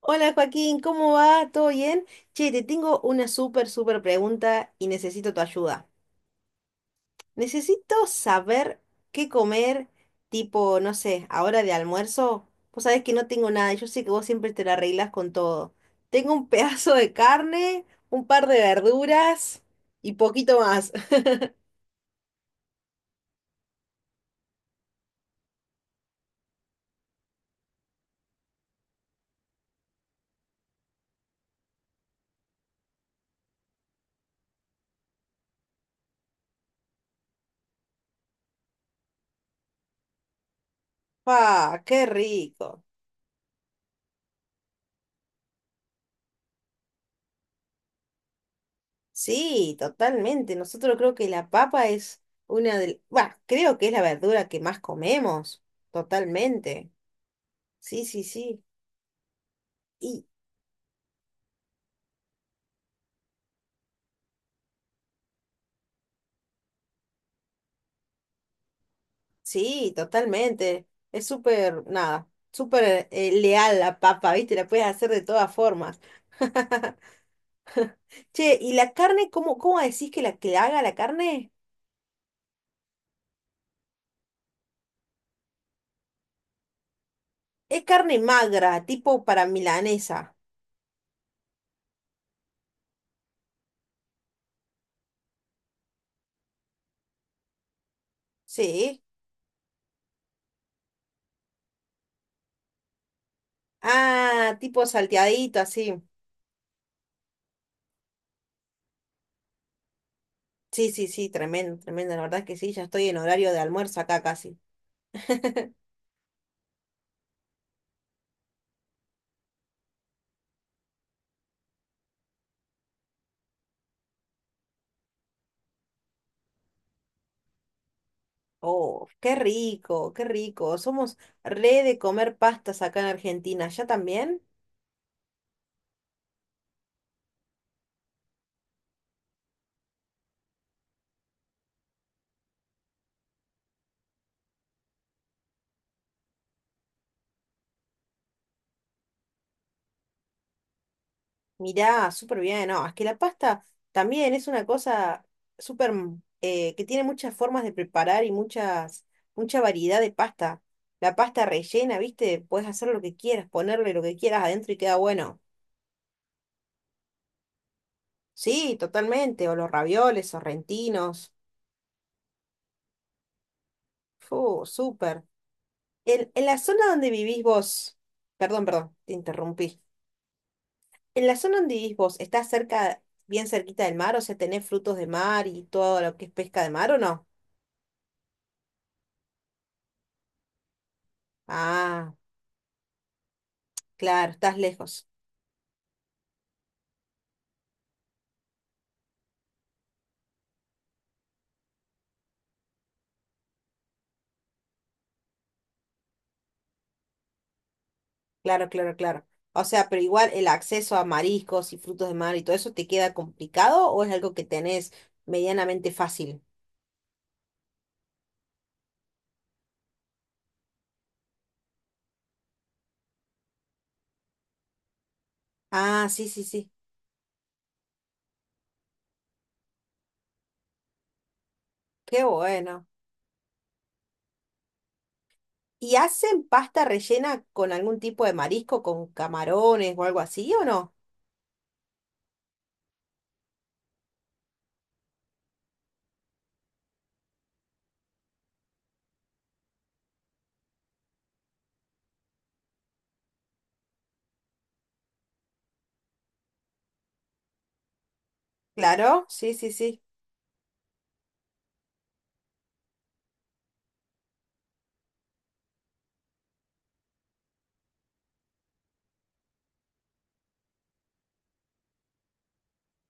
Hola Joaquín, ¿cómo va? ¿Todo bien? Che, te tengo una súper pregunta y necesito tu ayuda. Necesito saber qué comer, tipo, no sé, ahora de almuerzo. Vos sabés que no tengo nada, yo sé que vos siempre te la arreglas con todo. Tengo un pedazo de carne, un par de verduras y poquito más. Pa, ¡qué rico! Sí, totalmente. Nosotros creo que la papa es una de... Bueno, creo que es la verdura que más comemos. Totalmente. Sí, sí, sí. Y sí, totalmente. Es súper, nada, súper leal la papa, ¿viste? La puedes hacer de todas formas. Che, ¿y la carne, cómo decís que la haga la carne? Es carne magra, tipo para milanesa. Sí. Ah, tipo salteadito, así. Sí, sí, sí, tremendo, tremendo. La verdad es que sí, ya estoy en horario de almuerzo acá casi. Oh, qué rico, qué rico. Somos re de comer pastas acá en Argentina. ¿Ya también? Mirá, súper bien, no, es que la pasta también es una cosa súper que tiene muchas formas de preparar y muchas, mucha variedad de pasta. La pasta rellena, ¿viste? Puedes hacer lo que quieras, ponerle lo que quieras adentro y queda bueno. Sí, totalmente, o los ravioles, sorrentinos. Fu, súper. En la zona donde vivís vos, perdón, perdón, te interrumpí. En la zona donde vivís vos, ¿estás cerca, bien cerquita del mar? O sea, ¿tenés frutos de mar y todo lo que es pesca de mar o no? Ah. Claro, estás lejos. Claro, claro, claro. O sea, pero igual el acceso a mariscos y frutos de mar y todo eso te queda complicado o es algo que tenés medianamente fácil. Ah, sí, sí, sí. Qué bueno. ¿Y hacen pasta rellena con algún tipo de marisco, con camarones o algo así o no? Claro, sí, sí, sí.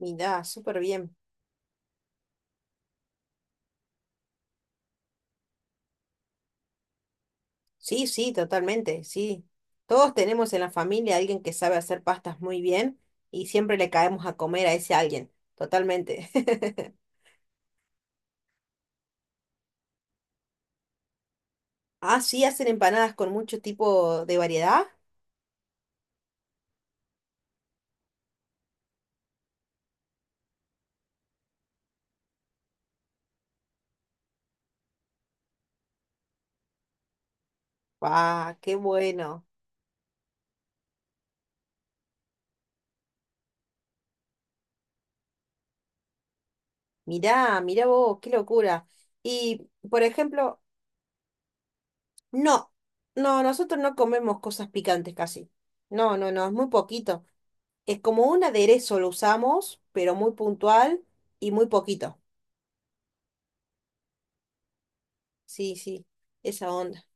Mirá, súper bien. Sí, sí, totalmente, sí. Todos tenemos en la familia a alguien que sabe hacer pastas muy bien y siempre le caemos a comer a ese alguien. Totalmente. Ah, sí, hacen empanadas con mucho tipo de variedad. ¡Ah, qué bueno! Mirá, mirá vos, qué locura. Y, por ejemplo, no, no, nosotros no comemos cosas picantes casi. No, no, no, es muy poquito. Es como un aderezo lo usamos, pero muy puntual y muy poquito. Sí, sí, esa onda.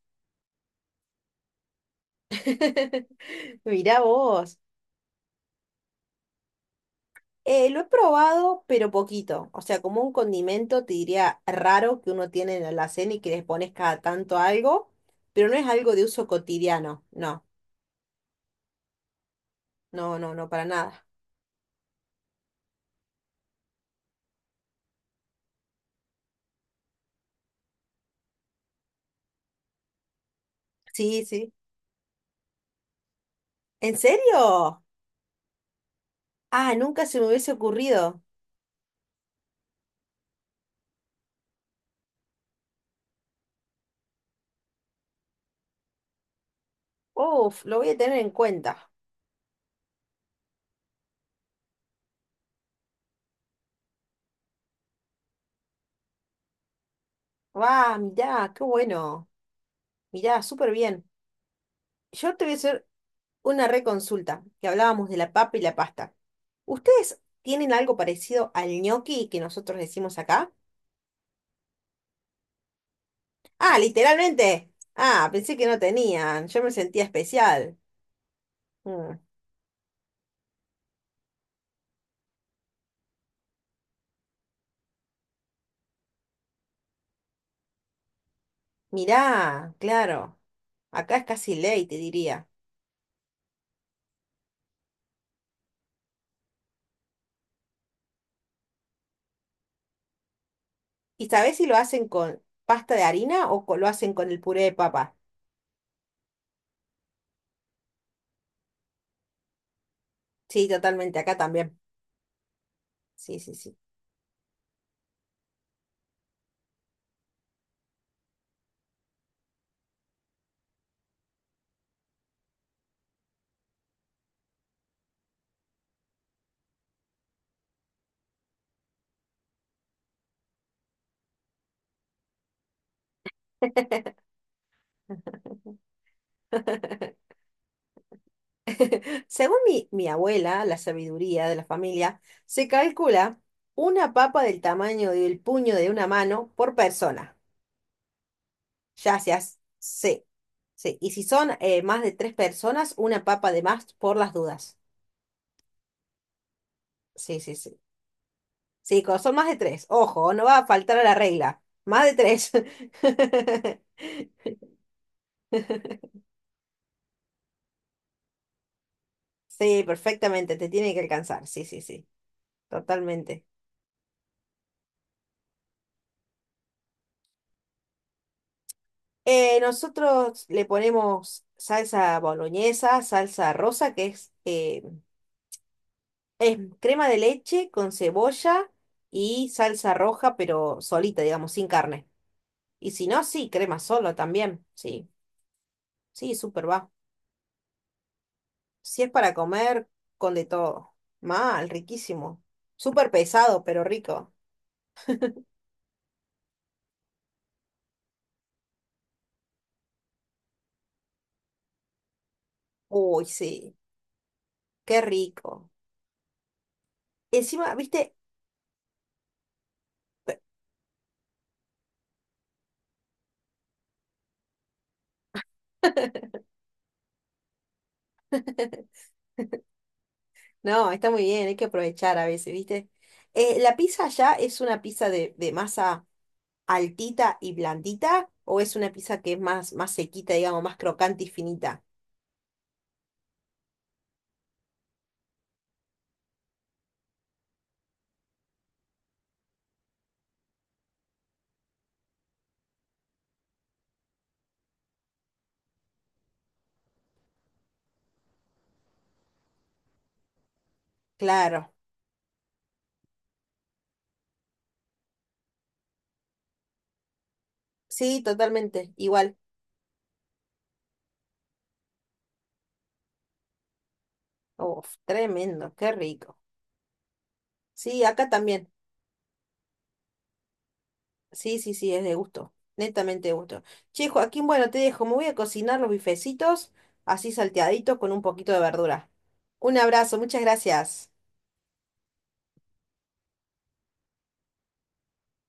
Mirá vos. Lo he probado, pero poquito. O sea, como un condimento, te diría raro que uno tiene en la cena y que les pones cada tanto algo, pero no es algo de uso cotidiano. No, no, no, no, para nada. Sí, sí. ¿En serio? Ah, nunca se me hubiese ocurrido. Uf, lo voy a tener en cuenta. Va, mirá, qué bueno. Mirá, súper bien. Yo te voy a hacer una reconsulta, que hablábamos de la papa y la pasta. ¿Ustedes tienen algo parecido al ñoqui que nosotros decimos acá? Ah, literalmente. Ah, pensé que no tenían. Yo me sentía especial. Mm. Mirá, claro. Acá es casi ley, te diría. ¿Y sabés si lo hacen con pasta de harina o lo hacen con el puré de papa? Sí, totalmente, acá también. Sí, sí, sí. Según mi abuela, la sabiduría de la familia, se calcula una papa del tamaño del puño de una mano por persona. Ya se hace. Sí, sí. Y si son más de tres personas, una papa de más por las dudas. Sí, sí, sí. Sí, cuando son más de tres. Ojo, no va a faltar a la regla. Más de tres. Sí, perfectamente. Te tiene que alcanzar. Sí, sí, sí. Totalmente. Nosotros le ponemos salsa boloñesa, salsa rosa, que es crema de leche con cebolla y salsa roja, pero solita, digamos, sin carne. Y si no, sí, crema solo también. Sí, sí, súper va. Si es para comer, con de todo. Mal, riquísimo. Súper pesado, pero rico. Uy, sí, qué rico. Encima, viste, no, está muy bien, hay que aprovechar a veces, ¿viste? ¿La pizza allá es una pizza de masa altita y blandita o es una pizza que es más, más sequita, digamos, más crocante y finita? Claro, sí, totalmente, igual. Uf, tremendo, qué rico. Sí, acá también. Sí, sí, sí, es de gusto, netamente de gusto. Che, Joaquín, bueno, te dejo, me voy a cocinar los bifecitos, así salteaditos con un poquito de verdura. Un abrazo, muchas gracias.